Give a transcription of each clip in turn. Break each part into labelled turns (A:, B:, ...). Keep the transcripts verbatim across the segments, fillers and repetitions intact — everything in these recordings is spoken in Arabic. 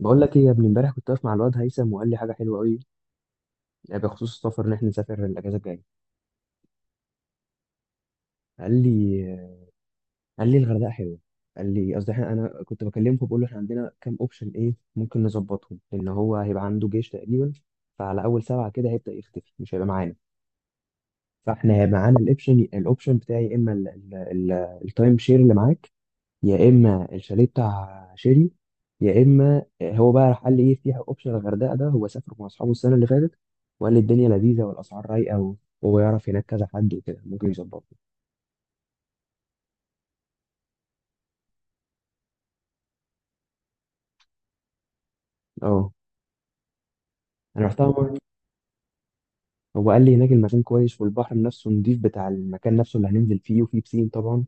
A: بقول لك ايه يا ابني، امبارح كنت واقف مع الواد هيثم وقال لي حاجه حلوه قوي. يعني بخصوص السفر ان احنا نسافر الاجازه الجايه. قال لي قال لي الغردقه حلوه. قال لي، قصدي احنا، انا كنت بكلمه بقول له احنا عندنا كام اوبشن، ايه ممكن نظبطهم، لان هو هيبقى عنده جيش تقريبا. فعلى اول سبعه كده هيبدا يختفي، مش هيبقى معانا. فاحنا هيبقى معانا الاوبشن الاوبشن بتاعي، يا اما التايم شير اللي معاك، يا اما الشاليه بتاع شيري، يا اما هو بقى راح قال لي ايه في اوبشن الغردقه ده، هو سافر مع اصحابه السنه اللي فاتت. وقال لي الدنيا لذيذه والاسعار رايقه و- وهو يعرف هناك كذا حد وكده ممكن يظبطه. اه انا رحتها مره. هو قال لي هناك المكان كويس، والبحر نفسه نضيف بتاع المكان نفسه اللي هننزل فيه، وفيه بسين طبعا.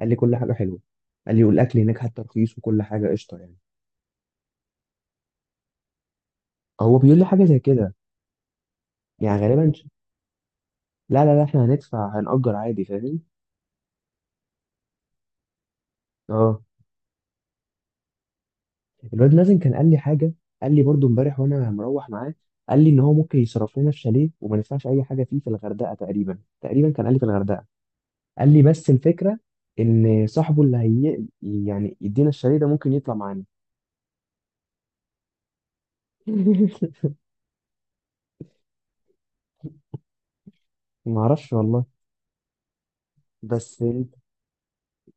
A: قال لي كل حاجه حلوه. قال لي والاكل هناك حتى رخيص، وكل حاجه قشطه يعني. هو بيقول لي حاجه زي كده. يعني غالبا لا لا لا، احنا هندفع، هنأجر عادي، فاهم. اه الواد مازن كان قال لي حاجه. قال لي برضو امبارح وانا مروح معاه. قال لي ان هو ممكن يصرف لنا في شاليه وما ندفعش اي حاجه فيه، في الغردقه، تقريبا تقريبا كان قال لي في الغردقه. قال لي بس الفكره ان صاحبه اللي هي يعني يدينا الشاليه ده ممكن يطلع معانا. ما اعرفش والله. بس انت،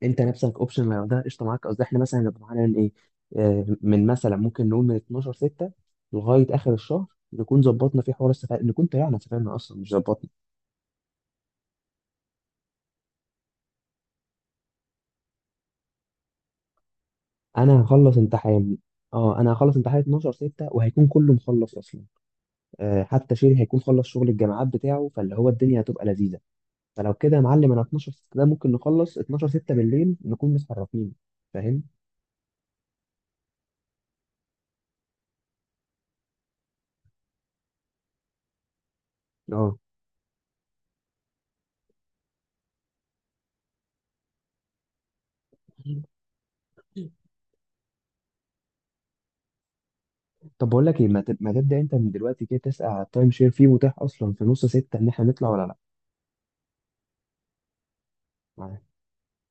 A: انت نفسك اوبشن لو ده قشطه معاك. قصدي احنا مثلا هنبقى معانا من ايه، آه، من مثلا ممكن نقول من اتناشر ستة لغايه اخر الشهر، نكون ظبطنا في حوار السفر، نكون طلعنا سافرنا اصلا مش ظبطنا. انا هخلص امتحان. اه انا هخلص امتحان اثنا عشر ستة وهيكون كله مخلص اصلا. آه حتى شيري هيكون خلص شغل الجامعات بتاعه، فاللي هو الدنيا هتبقى لذيذه. فلو كده يا معلم انا اتناشر ستة ده ممكن نخلص اتناشر ستة بالليل نكون متحركين. فاهم. اه. طب بقول لك ايه، ما تب- ما تبدا انت من دلوقتي كده تسال على التايم شير فيه متاح اصلا في نص ستة ان احنا نطلع ولا لا.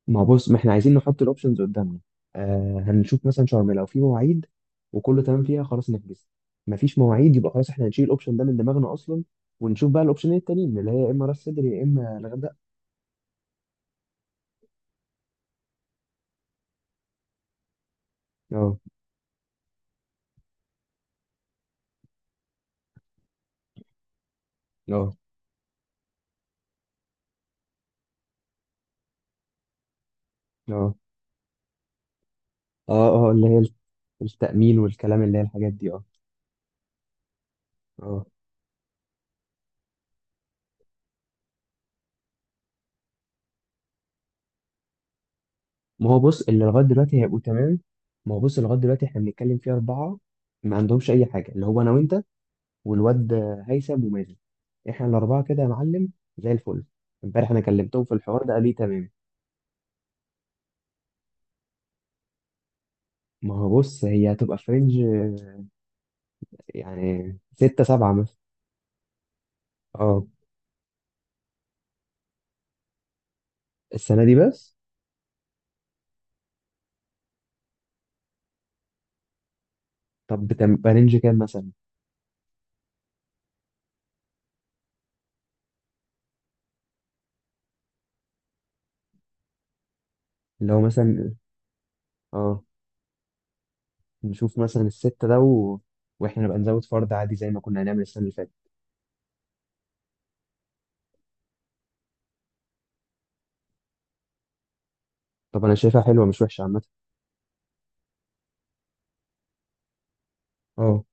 A: ما هو بص، ما احنا عايزين نحط الاوبشنز قدامنا. آه هنشوف مثلا شرم لو في مواعيد وكله تمام فيها خلاص نحجز. ما فيش مواعيد يبقى خلاص احنا هنشيل الاوبشن ده من دماغنا اصلا، ونشوف بقى الاوبشنين التانيين اللي هي يا اما راس سدر يا اما الغردقه. اه، اه، اه، اه، اه، اللي هي التأمين والكلام، اللي هي الحاجات دي. اه. اه ما هو بص اللي لغاية دلوقتي هيبقوا تمام. ما هو بص اللي لغاية دلوقتي احنا بنتكلم فيه أربعة، ما عندهمش أي حاجة، اللي هو أنا وأنت والواد هيثم ومازن. احنا الاربعه كده يا معلم، زي الفل. امبارح انا كلمتهم في الحوار ده قال لي تمام. ما هو بص هي هتبقى فرنج، يعني ستة سبعة مثلا. اه، السنة دي بس. طب بتبقى رينج كام مثلا؟ اللي هو مثلا، اه نشوف مثلا الستة ده، و... واحنا نبقى نزود فرد عادي زي ما كنا هنعمل السنة اللي فاتت. طب انا شايفها حلوة مش وحشة عامة. اه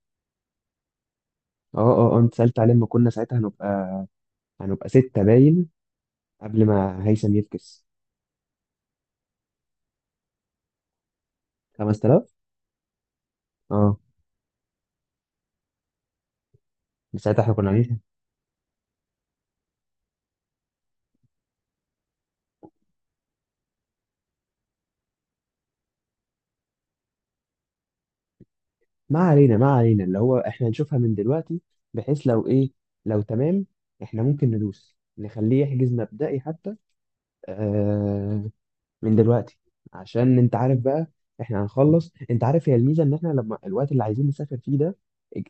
A: اه اه، آه، انت سألت عليه لما كنا ساعتها هنبقى هنبقى ستة باين، قبل ما هيثم يفكس. خمسة آلاف. اه. من ساعتها احنا كنا عاملين. ما علينا ما علينا، اللي هو احنا نشوفها من دلوقتي، بحيث لو ايه، لو تمام، احنا ممكن ندوس نخليه يحجز مبدئي حتى، آه، من دلوقتي. عشان انت عارف بقى، احنا هنخلص، انت عارف، هي الميزة ان احنا لما الوقت اللي عايزين نسافر فيه ده،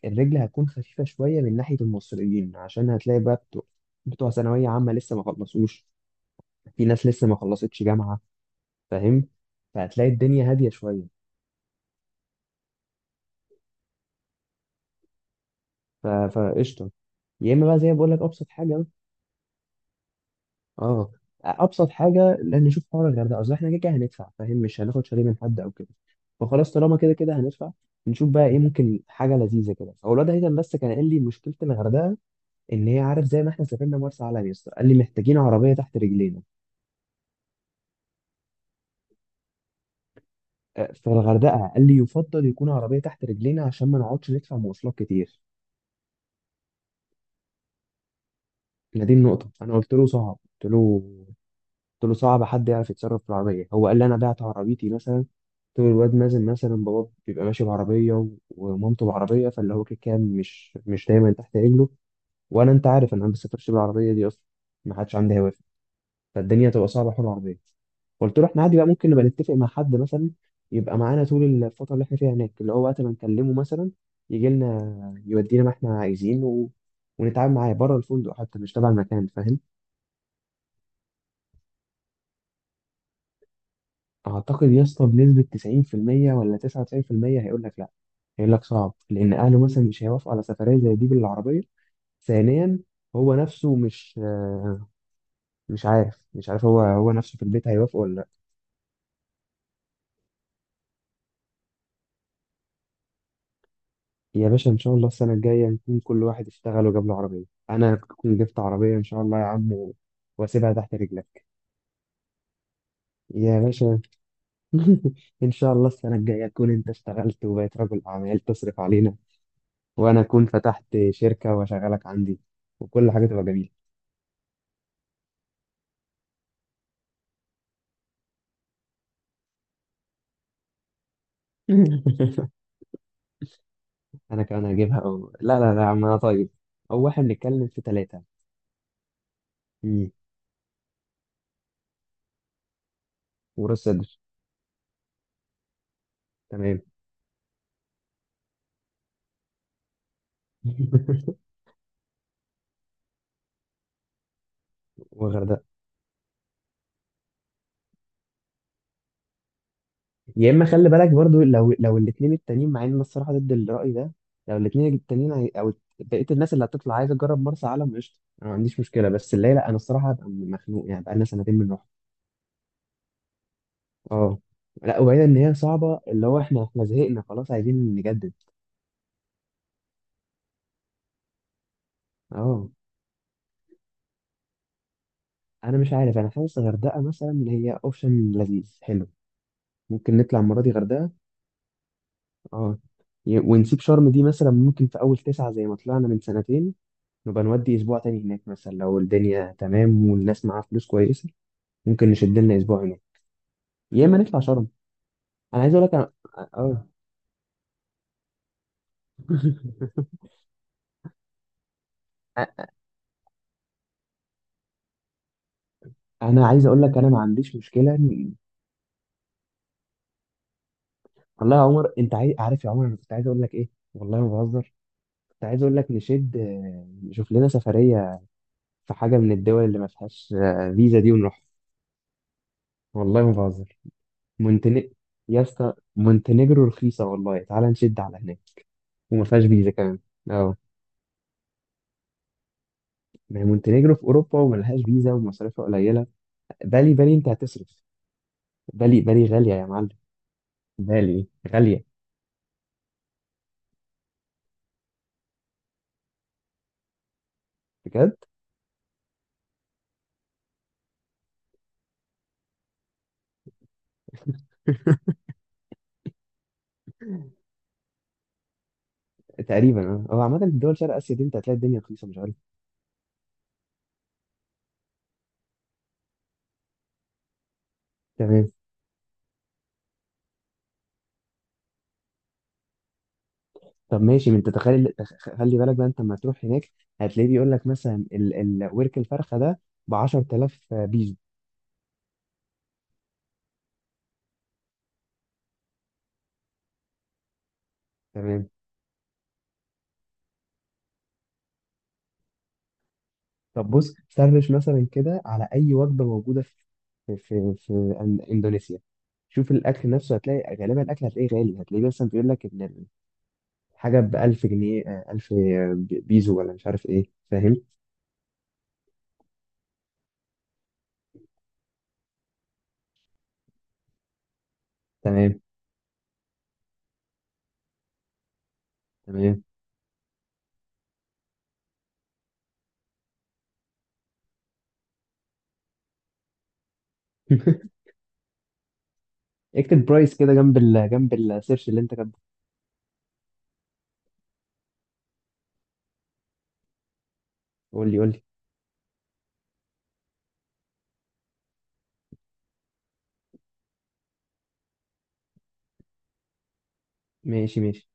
A: الرجل هتكون خفيفة شوية من ناحية المصريين، عشان هتلاقي بقى بتوع, بتوع ثانوية عامة لسه ما خلصوش، في ناس لسه ما خلصتش جامعة، فاهم، فهتلاقي الدنيا هادية شوية. ف- فقشطة. يا اما بقى زي ما بقول لك ابسط حاجه. اه ابسط حاجه، لان نشوف حوار الغردقه، اصل احنا كده كده هندفع فاهم، مش هناخد شاليه من حد او كده، فخلاص طالما كده كده هندفع نشوف بقى ايه ممكن حاجه لذيذه كده. هو الواد هيثم بس كان قال لي مشكله الغردقه ان هي، عارف زي ما احنا سافرنا مرسى علم، يا اسطى قال لي محتاجين عربيه تحت رجلينا. آه، فالغردقه قال لي يفضل يكون عربيه تحت رجلينا عشان ما نقعدش ندفع مواصلات كتير. هي دي النقطه، انا قلت له صعب، قلت له قلت له صعب حد يعرف يتصرف في العربية، هو قال لي أنا بعت عربيتي مثلا، قلت له الواد مازن مثلا بابا بيبقى ماشي بعربية و- ومامته بعربية، فاللي هو كده كده مش مش دايما تحت رجله. وأنا، أنت عارف أنا ما بسافرش بالعربية دي أصلا، ما حدش عندي هوافر، فالدنيا تبقى صعبة حول العربية. قلت له احنا عادي بقى ممكن نبقى نتفق مع حد مثلا يبقى معانا طول الفترة اللي احنا فيها هناك، اللي هو وقت ما نكلمه مثلا يجي لنا يودينا ما احنا عايزين، و... ونتعامل معاه بره الفندق حتى، مش تبع المكان، فاهم. اعتقد يا اسطى بنسبه تسعين في المية ولا تسعة وتسعين في المية هيقول لك لا، هيقول لك صعب لان اهله مثلا مش هيوافقوا على سفريه زي دي بالعربيه. ثانيا، هو نفسه مش، آه، مش عارف مش عارف هو هو نفسه في البيت هيوافق ولا لا. يا باشا ان شاء الله السنه الجايه نكون كل واحد اشتغل وجاب له عربيه. انا اكون جبت عربيه ان شاء الله يا عم، و- واسيبها تحت رجلك. يا باشا. ان شاء الله السنه الجايه تكون انت اشتغلت وبقيت رجل اعمال تصرف علينا، وانا اكون فتحت شركه واشغلك عندي، وكل حاجه تبقى جميله. انا كمان هجيبها أو... لا لا لا يا عم انا طيب. او واحد، بنتكلم في ثلاثة، وراس صدر، تمام. وغردقة. يا اما خلي بالك برضو، لو لو الاثنين التانيين، مع ان أنا الصراحة ضد الرأي ده، لو الاثنين التانيين عاي- او بقية الناس اللي هتطلع عايزة تجرب مرسى علم قشطة، انا ما عنديش مشكلة، بس اللي هي لا، انا الصراحة هبقى مخنوق يعني بقالنا سنتين بنروح. اه لا، وبعيدا ان هي صعبة، اللي هو احنا، احنا زهقنا خلاص عايزين نجدد. اه. انا مش عارف، انا حاسس غردقة مثلا هي اوبشن لذيذ حلو، ممكن نطلع المرة دي غردقة. اه ي- ونسيب شرم دي مثلا ممكن في أول تسعة زي ما طلعنا من سنتين، نبقى نودي أسبوع تاني هناك مثلا، لو الدنيا تمام والناس معاها فلوس كويسة ممكن نشد لنا أسبوع هناك، يا إما نطلع شرم. أنا عايز أقول لك أنا، اه. أ- أنا عايز أقول لك أنا ما عنديش مشكلة إن-. والله يا عمر أنت عاي... عارف يا عمر أنا كنت عايز أقول لك إيه، والله ما بهزر. كنت عايز أقول لك نشد، آه، نشوف لنا سفرية في حاجة من الدول اللي ما فيهاش، آه، فيزا دي، ونروح. والله ما بهزر. مونتني يا اسطى مونتينيجرو رخيصة والله، تعال نشد على هناك. وما فيهاش فيزا كمان. اه. ما هي مونتينيجرو في أوروبا وملهاش فيزا ومصاريفها قليلة. بالي بالي أنت هتصرف. بالي بالي غالية يا معلم. بالي غالية. بجد. تقريبا اه، هو عامة في دول شرق آسيا دي أنت هتلاقي الدنيا رخيصة مش غالية. تمام. طب ماشي، ما أنت تخيل تخ- خلي بالك بقى أنت لما تروح هناك هتلاقيه بيقول لك مثلا ال... الورك الفرخة ده ب عشرة آلاف بيزو. تمام. طب بص سرش مثلا كده على اي وجبه موجوده في في في إن- اندونيسيا، شوف الاكل نفسه، هتلاقي غالبا الاكل هتلاقيه غالي، هتلاقيه مثلا بيقول لك ان الحاجه ب ألف جنيه، آه، ألف بيزو ولا مش عارف ايه، فاهم. تمام. تمام. اكتب برايس كده جنب ال جنب السيرش اللي انت كاتبه. قول لي، قول لي. ماشي، ماشي.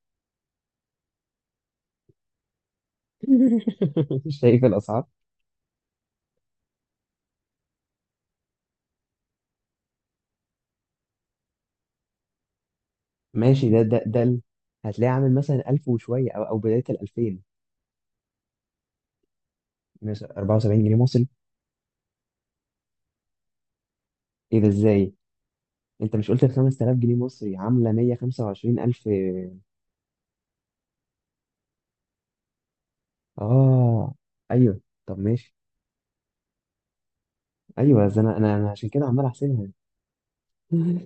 A: شايف الاسعار. ماشي ده ده ده ال- هتلاقيه عامل مثلا ألف وشويه، او او بدايه ال الألفين مثلا، أربعة وسبعين جنيه مصري. ايه ده، ازاي، انت مش قلت ال خمسة آلاف جنيه مصري عامله مية وخمسة وعشرين الف. اه، ايوه. طب ماشي. ايوه، زي انا انا أنا عشان كده عمال احسبها.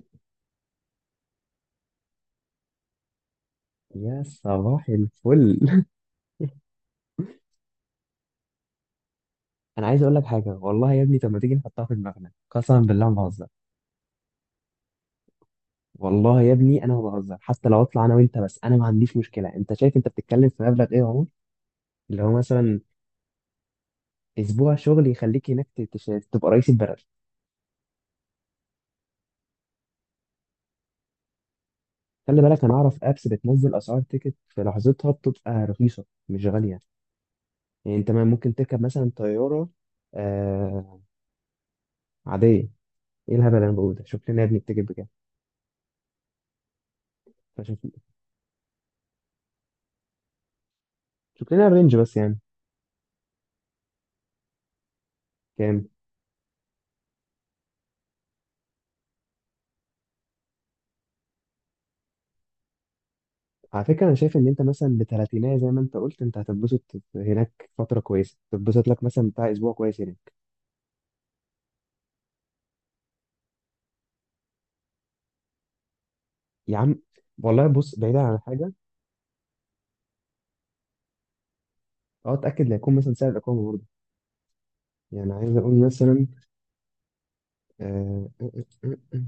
A: يا صباح الفل. انا عايز اقول لك حاجه، والله يا ابني، طب ما تيجي نحطها في دماغنا قسما بالله ما بهزر. والله يا ابني انا ما بهزر، حتى لو اطلع انا وانت بس، انا ما عنديش مشكله، انت شايف انت بتتكلم في مبلغ ايه يا عمر. اللي هو مثلا اسبوع شغل يخليك هناك ت- تش- تبقى رئيس البلد. خلي بالك انا اعرف ابس بتنزل اسعار تيكت في لحظتها بتبقى رخيصه مش غاليه. يعني انت ما ممكن تركب مثلا طياره، آه عاديه. ايه الهبل اللي انا بقوله ده، شوف لنا يا ابني بتجيب بكام. فشوف، شوف لنا الرينج بس يعني. كام. على فكره انا شايف ان انت مثلا بتلاتينية زي ما انت قلت، انت هتتبسط هناك فتره كويسه، تتبسط لك مثلا بتاع اسبوع كويس هناك. يا عم، والله بص بعيدا عن حاجه. اه اتاكد لا يكون مثلا سعر الاقامه برضه، يعني عايز اقول مثلا، اه, آه آه،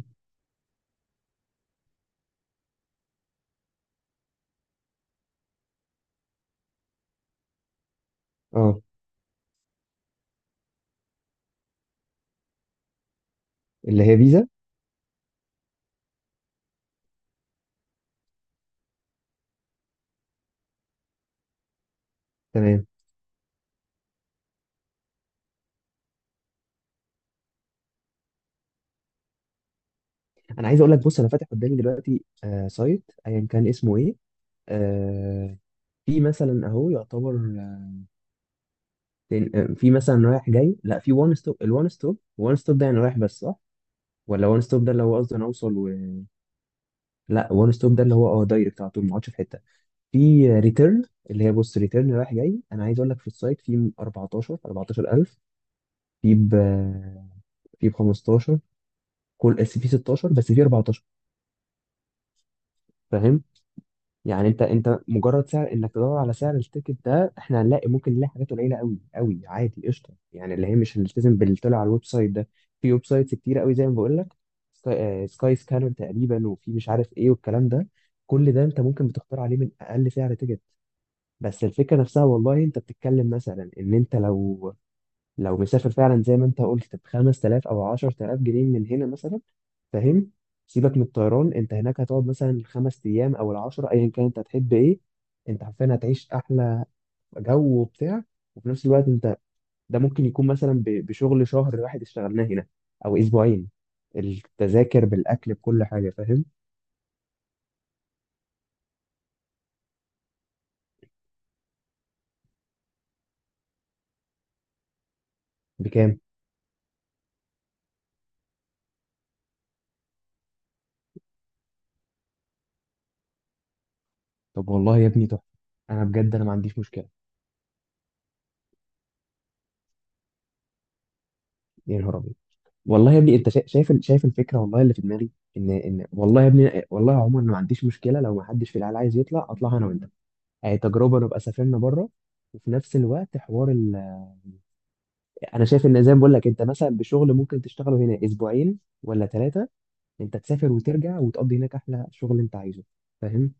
A: آه، اللي هي فيزا. تمام. انا عايز اقول لك بص انا فاتح قدامي دلوقتي آه سايت ايا كان اسمه ايه، آه، في مثلا اهو يعتبر، تن- في مثلا رايح جاي، لا في وان ستوب، الوان ستوب وان ستوب ده يعني رايح بس صح، ولا وان ستوب ده اللي هو قصدي انا اوصل، و... لا وان ستوب ده اللي هو اه دايركت على طول ما اقعدش في حته، في ريتيرن، اللي هي بص، ريتيرن رايح جاي، انا عايز اقول لك في السايت في أربعتاشر أربعة عشر ألف، في ب، في ب خمستاشر، كل في ستاشر، بس في أربعة عشر، فاهم. يعني انت انت مجرد سعر انك تدور على سعر التيكت ده، احنا هنلاقي ممكن نلاقي حاجات قليله قوي قوي عادي قشطه، يعني اللي هي مش هنلتزم باللي طلع على الويب سايت ده. في ويب سايتس كتير قوي زي ما بقول لك، سكاي, سكاي سكانر تقريبا، وفي مش عارف ايه والكلام ده. كل ده انت ممكن بتختار عليه من اقل سعر تيكت. بس الفكره نفسها، والله انت بتتكلم مثلا ان انت لو، لو مسافر فعلا زي ما انت قلت ب خمس آلاف او عشر آلاف جنيه من هنا مثلا، فاهم. سيبك من الطيران، انت هناك هتقعد مثلا خمس ايام او العشرة، ايا كان انت هتحب ايه، انت حرفيا هتعيش احلى جو وبتاع، وفي نفس الوقت انت، ده ممكن يكون مثلا ب- بشغل شهر واحد اشتغلناه هنا او اسبوعين، التذاكر بالاكل بكل حاجه، فاهم. بكام. طب والله يا ابني تحفه، انا بجد انا ما عنديش مشكله. يا نهار ابيض. والله يا ابني انت شا- شايف ال- شايف الفكره والله اللي في دماغي، ان ان والله يا ابني والله يا عمر انا ما عنديش مشكله لو ما حدش في العيله عايز يطلع، اطلع انا وانت، آه، تجربه نبقى سافرنا بره، وفي نفس الوقت حوار ال... انا شايف ان زي ما بقول لك انت مثلا بشغل ممكن تشتغله هنا اسبوعين ولا ثلاثه، انت تسافر وترجع وتقضي هناك احلى شغل انت عايزه، فاهم.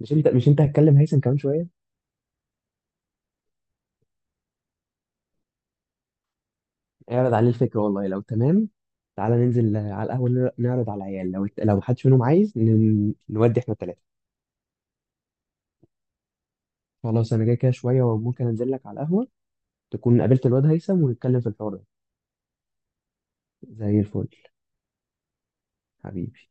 A: مش انت، مش انت هتكلم هيثم كمان شويه. اعرض عليه الفكره والله لو تمام، تعالى ننزل آه، على القهوه نر- نعرض على العيال، لو لو محدش منهم عايز ن... نودي احنا الثلاثه. خلاص انا جاي كده شويه وممكن انزل لك على القهوه، تكون قابلت الواد هيثم ونتكلم في الحوار ده. زي الفل. حبيبي.